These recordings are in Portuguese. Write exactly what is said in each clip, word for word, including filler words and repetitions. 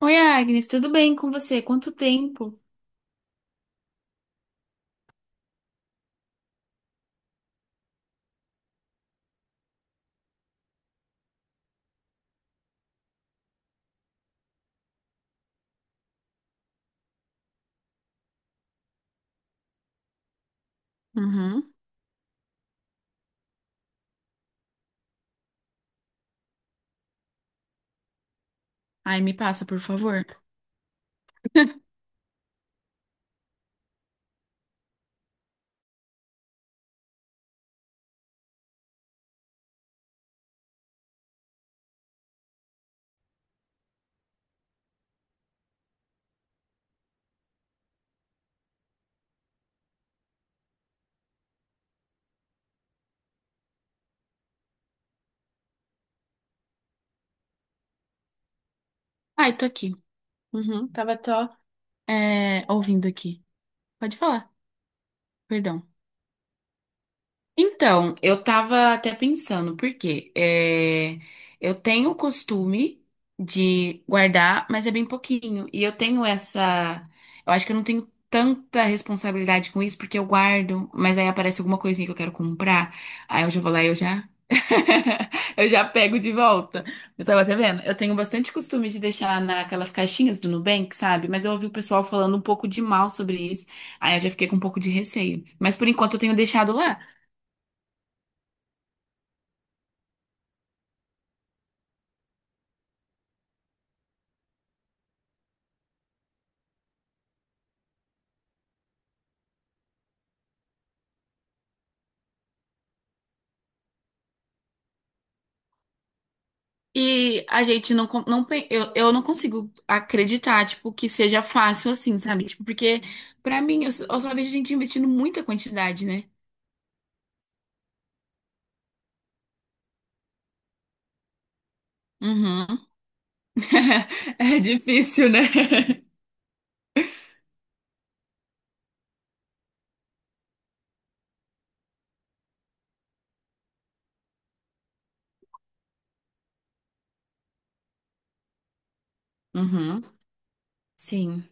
Oi, Agnes, tudo bem com você? Quanto tempo? Uhum. Aí me passa, por favor. Ai, tô aqui. Uhum. Tava só é, ouvindo aqui. Pode falar, perdão. Então, eu tava até pensando, porque eu tenho o costume de guardar, mas é bem pouquinho. E eu tenho essa. Eu acho que eu não tenho tanta responsabilidade com isso, porque eu guardo, mas aí aparece alguma coisinha que eu quero comprar. Aí eu já vou lá e eu já. Eu já pego de volta. Eu tava até vendo. Eu tenho bastante costume de deixar naquelas caixinhas do Nubank, sabe? Mas eu ouvi o pessoal falando um pouco de mal sobre isso. Aí eu já fiquei com um pouco de receio. Mas por enquanto eu tenho deixado lá. E a gente não, con- não pe- eu, eu não consigo acreditar, tipo, que seja fácil assim, sabe? Tipo, porque pra mim, eu, s- eu só vejo a gente investindo muita quantidade, né? Uhum. É difícil, né? Uhum. Sim.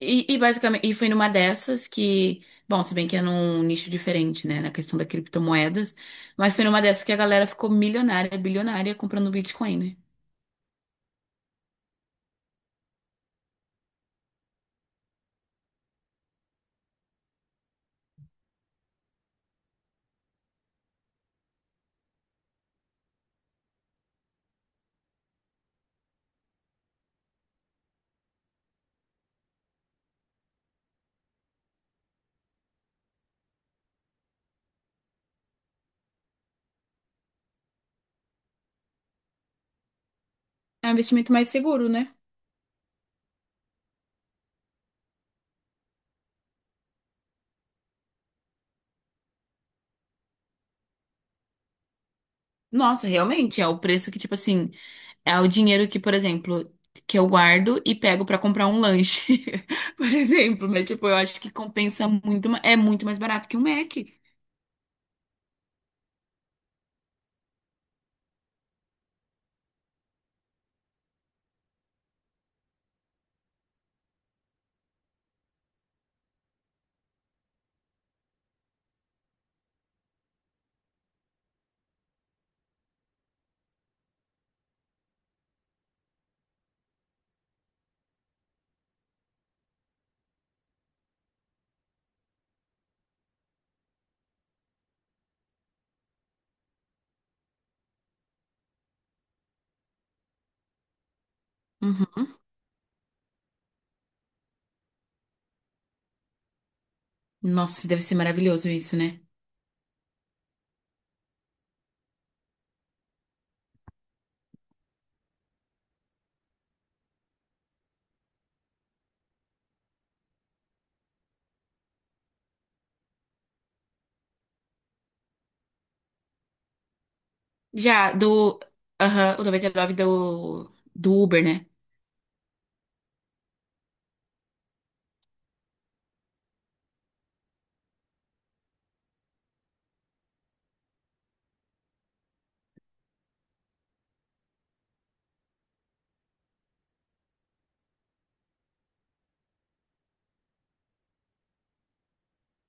E, e basicamente, e foi numa dessas que, bom, se bem que é num nicho diferente, né, na questão da criptomoedas, mas foi numa dessas que a galera ficou milionária, bilionária comprando Bitcoin, né? É um investimento mais seguro, né? Nossa, realmente, é o preço que, tipo assim, é o dinheiro que, por exemplo, que eu guardo e pego pra comprar um lanche, por exemplo. Mas, tipo, eu acho que compensa muito, ma- é muito mais barato que um Mac. Uhum. Nossa, deve ser maravilhoso isso, né? Já do, aham, o noventa e nove do, do Uber, né?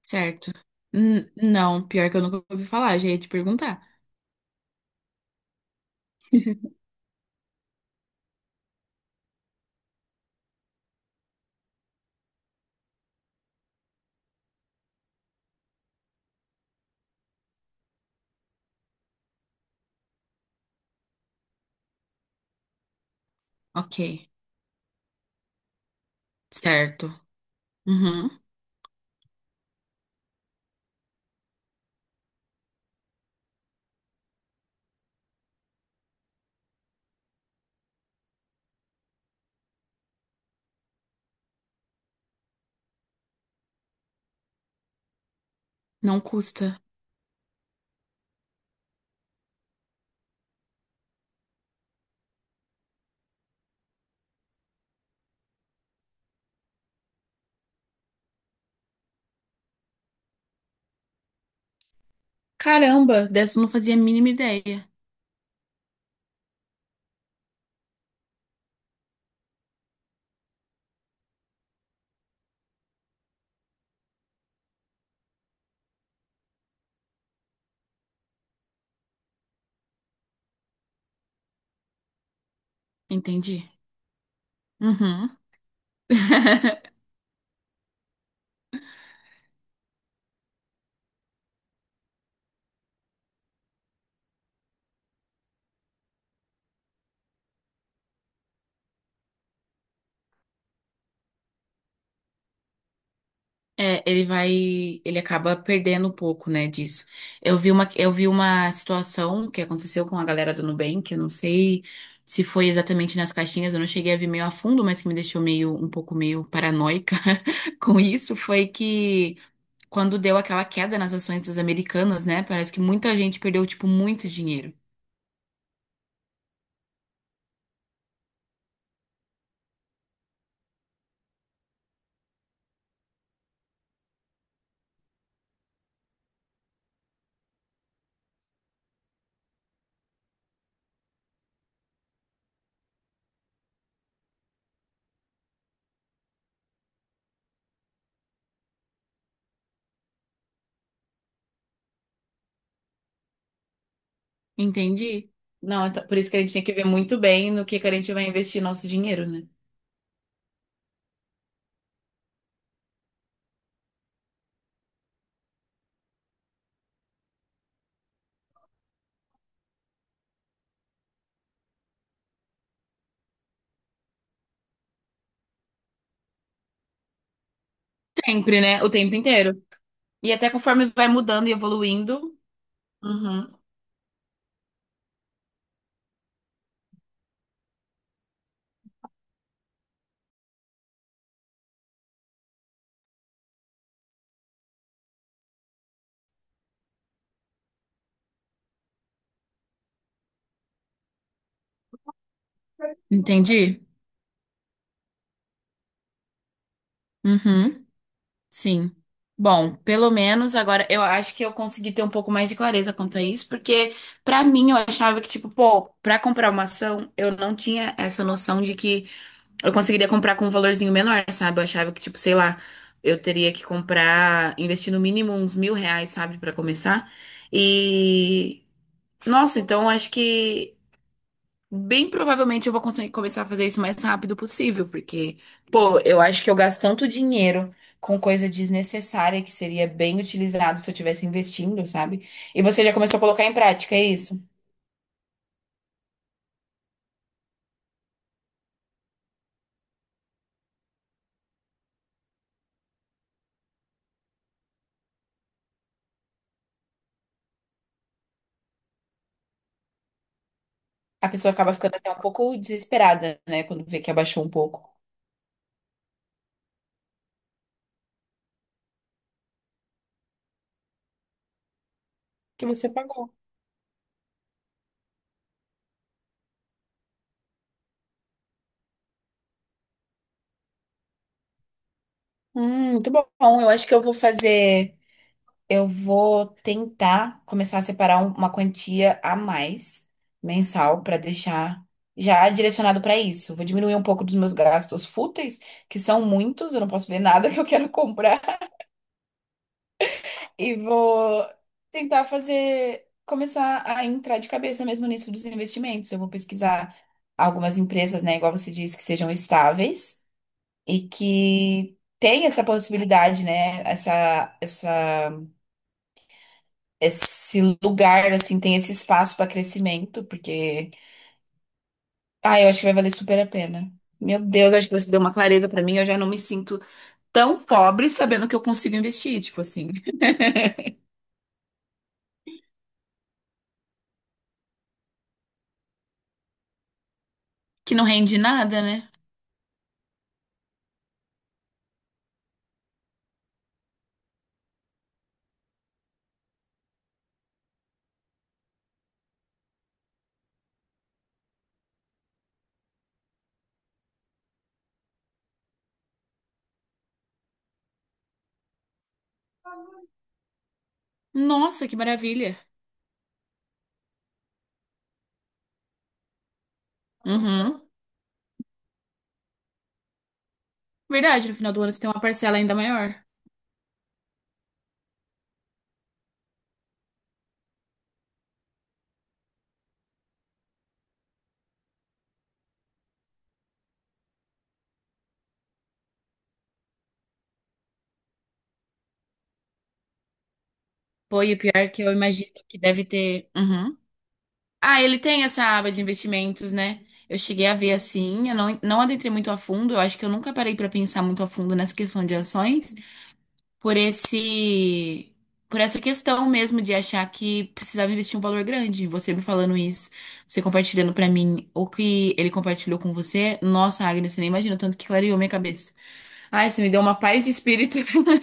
Certo. N- não, pior que eu nunca ouvi falar, já ia te perguntar. Ok, certo. Uhum. Não custa. Caramba, dessa eu não fazia a mínima ideia. Entendi. Uhum. É, ele vai, ele acaba perdendo um pouco, né, disso. Eu vi uma, eu vi uma situação que aconteceu com a galera do Nubank, eu não sei se foi exatamente nas caixinhas, eu não cheguei a ver meio a fundo, mas que me deixou meio, um pouco meio paranoica com isso, foi que quando deu aquela queda nas ações das americanas, né, parece que muita gente perdeu, tipo, muito dinheiro. Entendi. Não, então, por isso que a gente tem que ver muito bem no que que a gente vai investir nosso dinheiro, né? Sempre, né? O tempo inteiro. E até conforme vai mudando e evoluindo, uhum, entendi. Uhum, sim. Bom, pelo menos agora eu acho que eu consegui ter um pouco mais de clareza quanto a isso, porque pra mim eu achava que, tipo, pô, pra comprar uma ação, eu não tinha essa noção de que eu conseguiria comprar com um valorzinho menor, sabe? Eu achava que, tipo, sei lá, eu teria que comprar, investir no mínimo uns mil reais, sabe, pra começar. E, nossa, então eu acho que. Bem provavelmente eu vou conseguir começar a fazer isso o mais rápido possível, porque, pô, eu acho que eu gasto tanto dinheiro com coisa desnecessária que seria bem utilizado se eu estivesse investindo, sabe? E você já começou a colocar em prática, é isso? A pessoa acaba ficando até um pouco desesperada, né, quando vê que abaixou um pouco. Que você pagou. Hum, muito bom. Eu acho que eu vou fazer. Eu vou tentar começar a separar um- uma quantia a mais mensal para deixar já direcionado para isso. Vou diminuir um pouco dos meus gastos fúteis, que são muitos, eu não posso ver nada que eu quero comprar, e vou tentar fazer começar a entrar de cabeça mesmo nisso dos investimentos. Eu vou pesquisar algumas empresas, né, igual você disse, que sejam estáveis e que tem essa possibilidade, né, essa essa esse lugar, assim, tem esse espaço para crescimento, porque, ah, eu acho que vai valer super a pena. Meu Deus, acho que você deu uma clareza para mim, eu já não me sinto tão pobre sabendo que eu consigo investir, tipo assim, que não rende nada, né? Nossa, que maravilha. Uhum. Verdade, no final do ano você tem uma parcela ainda maior. Pô, e o pior é que eu imagino que deve ter. Uhum. Ah, ele tem essa aba de investimentos, né? Eu cheguei a ver assim, eu não, não adentrei muito a fundo, eu acho que eu nunca parei para pensar muito a fundo nessa questão de ações. por esse por essa questão mesmo de achar que precisava investir um valor grande. Você me falando isso, você compartilhando pra mim o que ele compartilhou com você. Nossa, Agnes, você nem imagina o tanto que clareou minha cabeça. Ai, você me deu uma paz de espírito.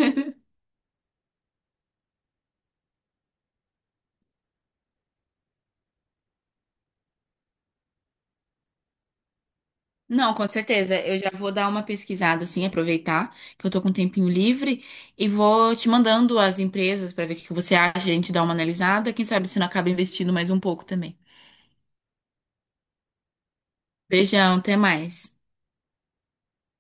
Não, com certeza. Eu já vou dar uma pesquisada, assim, aproveitar que eu tô com um tempinho livre e vou te mandando as empresas pra ver o que que você acha, a gente dá uma analisada. Quem sabe se não acaba investindo mais um pouco também. Beijão, até mais.